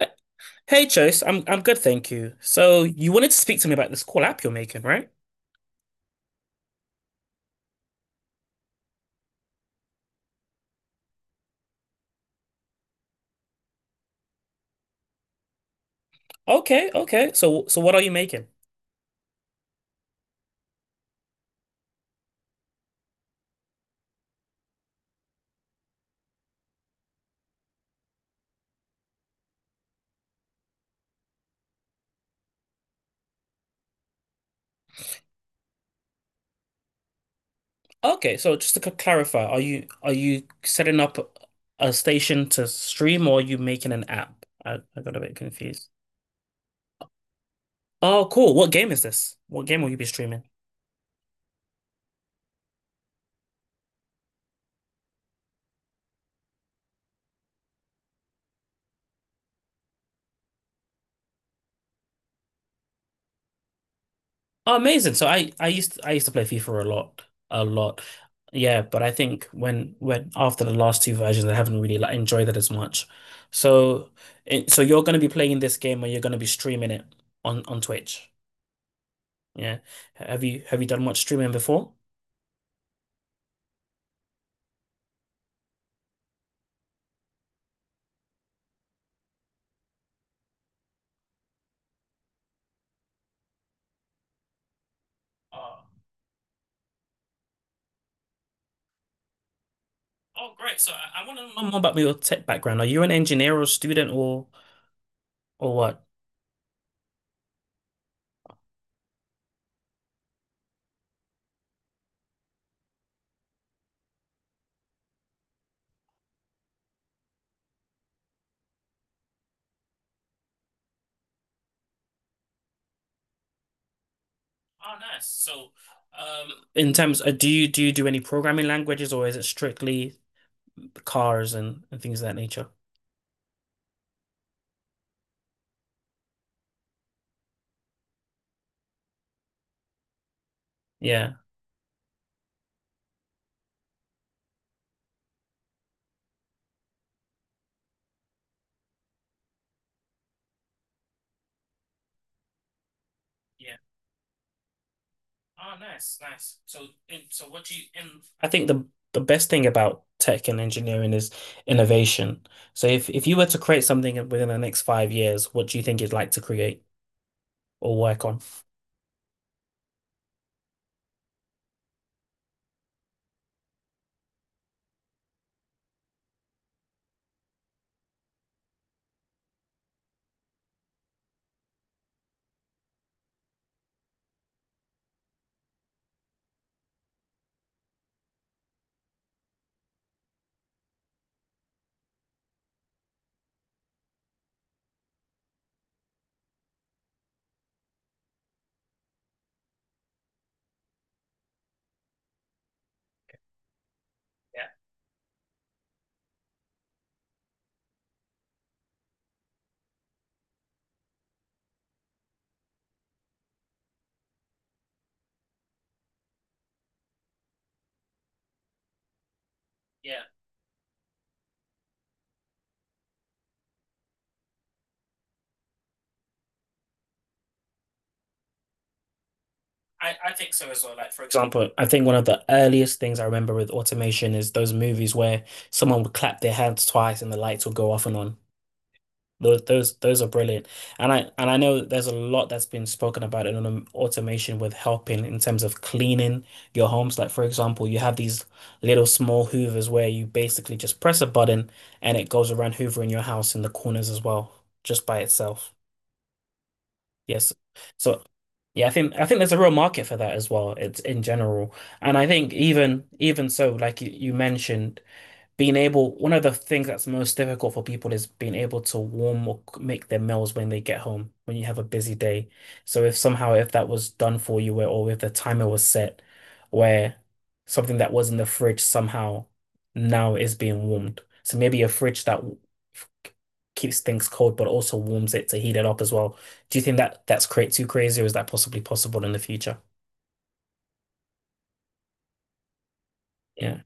Uh, Hey, Chase, I'm good, thank you. So you wanted to speak to me about this cool app you're making, right? Okay, okay. So what are you making? Okay, so just to clarify, are you setting up a station to stream or are you making an app? I got a bit confused. Oh, cool. What game is this? What game will you be streaming? Oh, amazing. So I used to play FIFA a lot, a lot. Yeah, but I think when after the last two versions, I haven't really like enjoyed it as much. So so you're going to be playing this game or you're going to be streaming it on Twitch. Yeah. Have you done much streaming before? Oh, oh great. So I want to know more about your tech background. Are you an engineer or student or what? Oh, nice. So in terms do you do any programming languages or is it strictly cars and, things of that nature. Yeah. Yeah. Oh, nice, nice. So, and so what do you and I think the best thing about tech and engineering is innovation. So if you were to create something within the next 5 years, what do you think you'd like to create or work on? Yeah, yeah. I think so as well. Like for example, I think one of the earliest things I remember with automation is those movies where someone would clap their hands twice and the lights would go off and on. Those are brilliant. And I know that there's a lot that's been spoken about in automation with helping in terms of cleaning your homes. Like for example, you have these little small hoovers where you basically just press a button and it goes around hoovering your house in the corners as well, just by itself. Yes. So yeah, I think there's a real market for that as well. It's in general. And I think even so, like you mentioned being able, one of the things that's most difficult for people is being able to warm or make their meals when they get home, when you have a busy day. So if somehow if that was done for you where, or if the timer was set where something that was in the fridge somehow now is being warmed. So maybe a fridge that f- keeps things cold but also warms it to heat it up as well. Do you think that that's cra too crazy or is that possibly possible in the future? Yeah.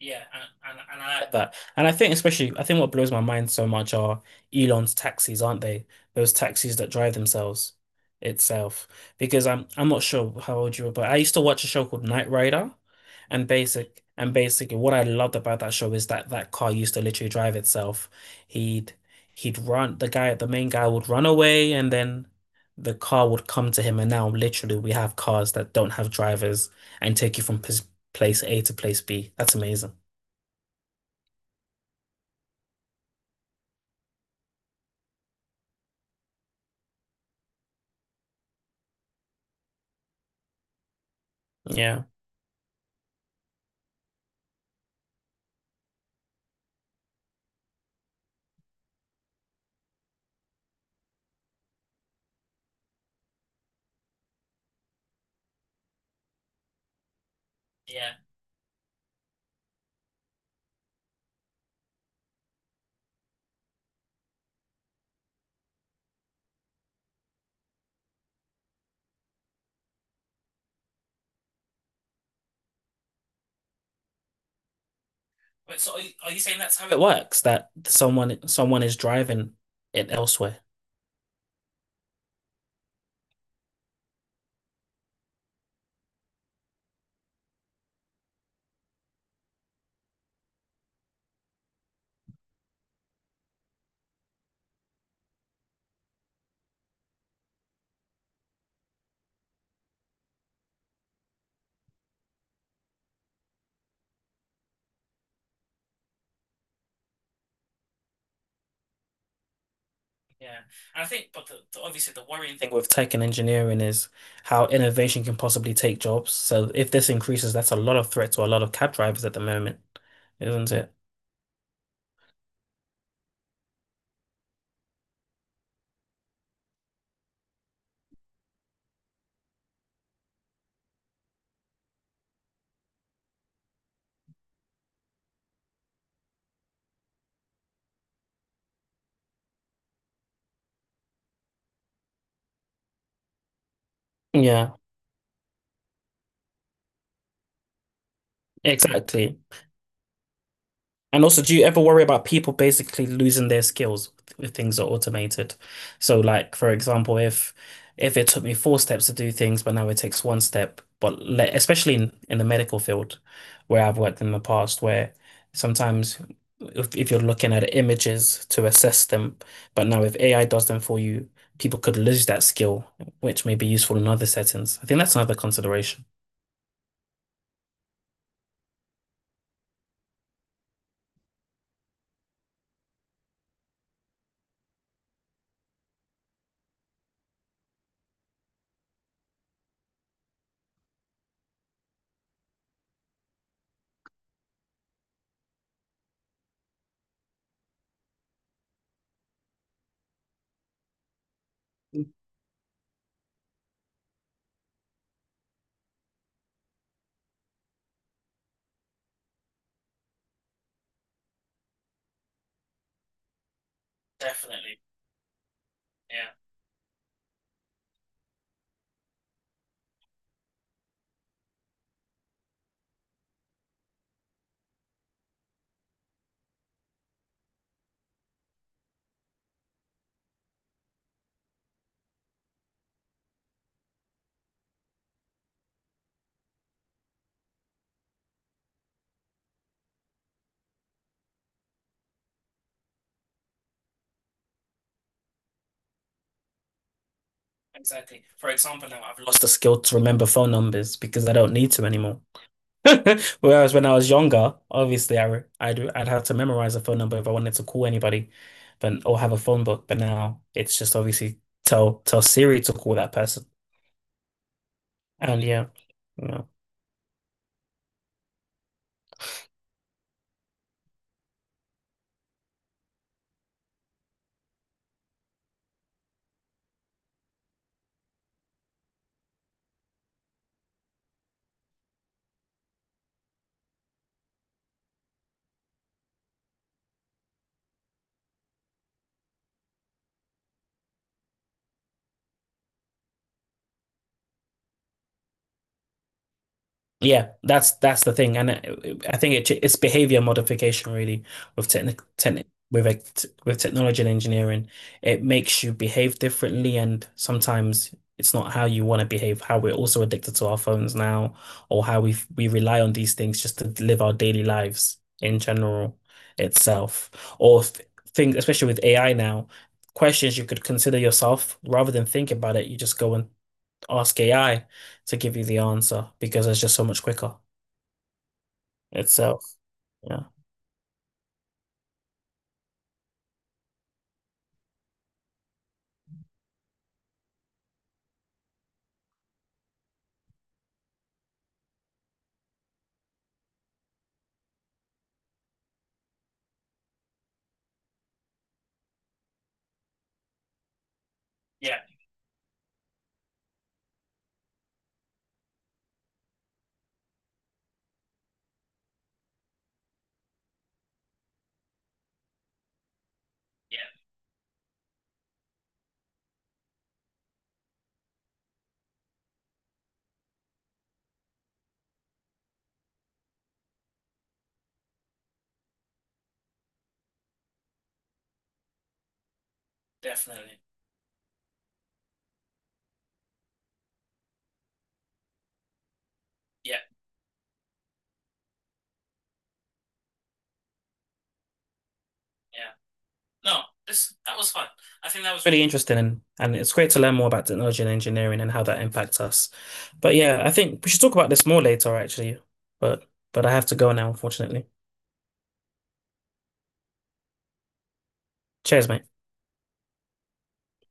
Yeah, and, and I like that. And I think especially, I think what blows my mind so much are Elon's taxis, aren't they? Those taxis that drive themselves itself. Because I'm not sure how old you were, but I used to watch a show called Knight Rider, and basically what I loved about that show is that that car used to literally drive itself. He'd he'd run the main guy would run away, and then the car would come to him. And now literally we have cars that don't have drivers and take you from pos place A to place B. That's amazing. Yeah. Yeah. Wait, so are you saying that's how it works, that someone is driving it elsewhere. Yeah. And I think, but the, obviously the worrying thing with tech and engineering is how innovation can possibly take jobs. So if this increases, that's a lot of threat to a lot of cab drivers at the moment, isn't it? Yeah, mm, exactly. And also, do you ever worry about people basically losing their skills if things are automated? So, like for example, if it took me four steps to do things, but now it takes one step, but le especially in the medical field where I've worked in the past, where sometimes if you're looking at images to assess them, but now if AI does them for you, people could lose that skill, which may be useful in other settings. I think that's another consideration. Definitely. Exactly. For example, now I've lost the skill to remember phone numbers because I don't need to anymore. Whereas when I was younger, obviously I'd have to memorize a phone number if I wanted to call anybody, but or have a phone book. But now it's just obviously tell Siri to call that person. And yeah, yeah. Yeah, that's the thing, and I think it's behavior modification really with technic techni with with technology and engineering. It makes you behave differently, and sometimes it's not how you want to behave. How we're also addicted to our phones now, or how we rely on these things just to live our daily lives in general itself, or th things, especially with AI now, questions you could consider yourself rather than think about it. You just go and ask AI to give you the answer because it's just so much quicker itself. Yeah. Yeah, yeah, definitely. Yeah, yeah. No, this that was fun. I think that was really interesting and, it's great to learn more about technology and engineering and how that impacts us. But yeah, I think we should talk about this more later actually. But I have to go now, unfortunately. Cheers, mate.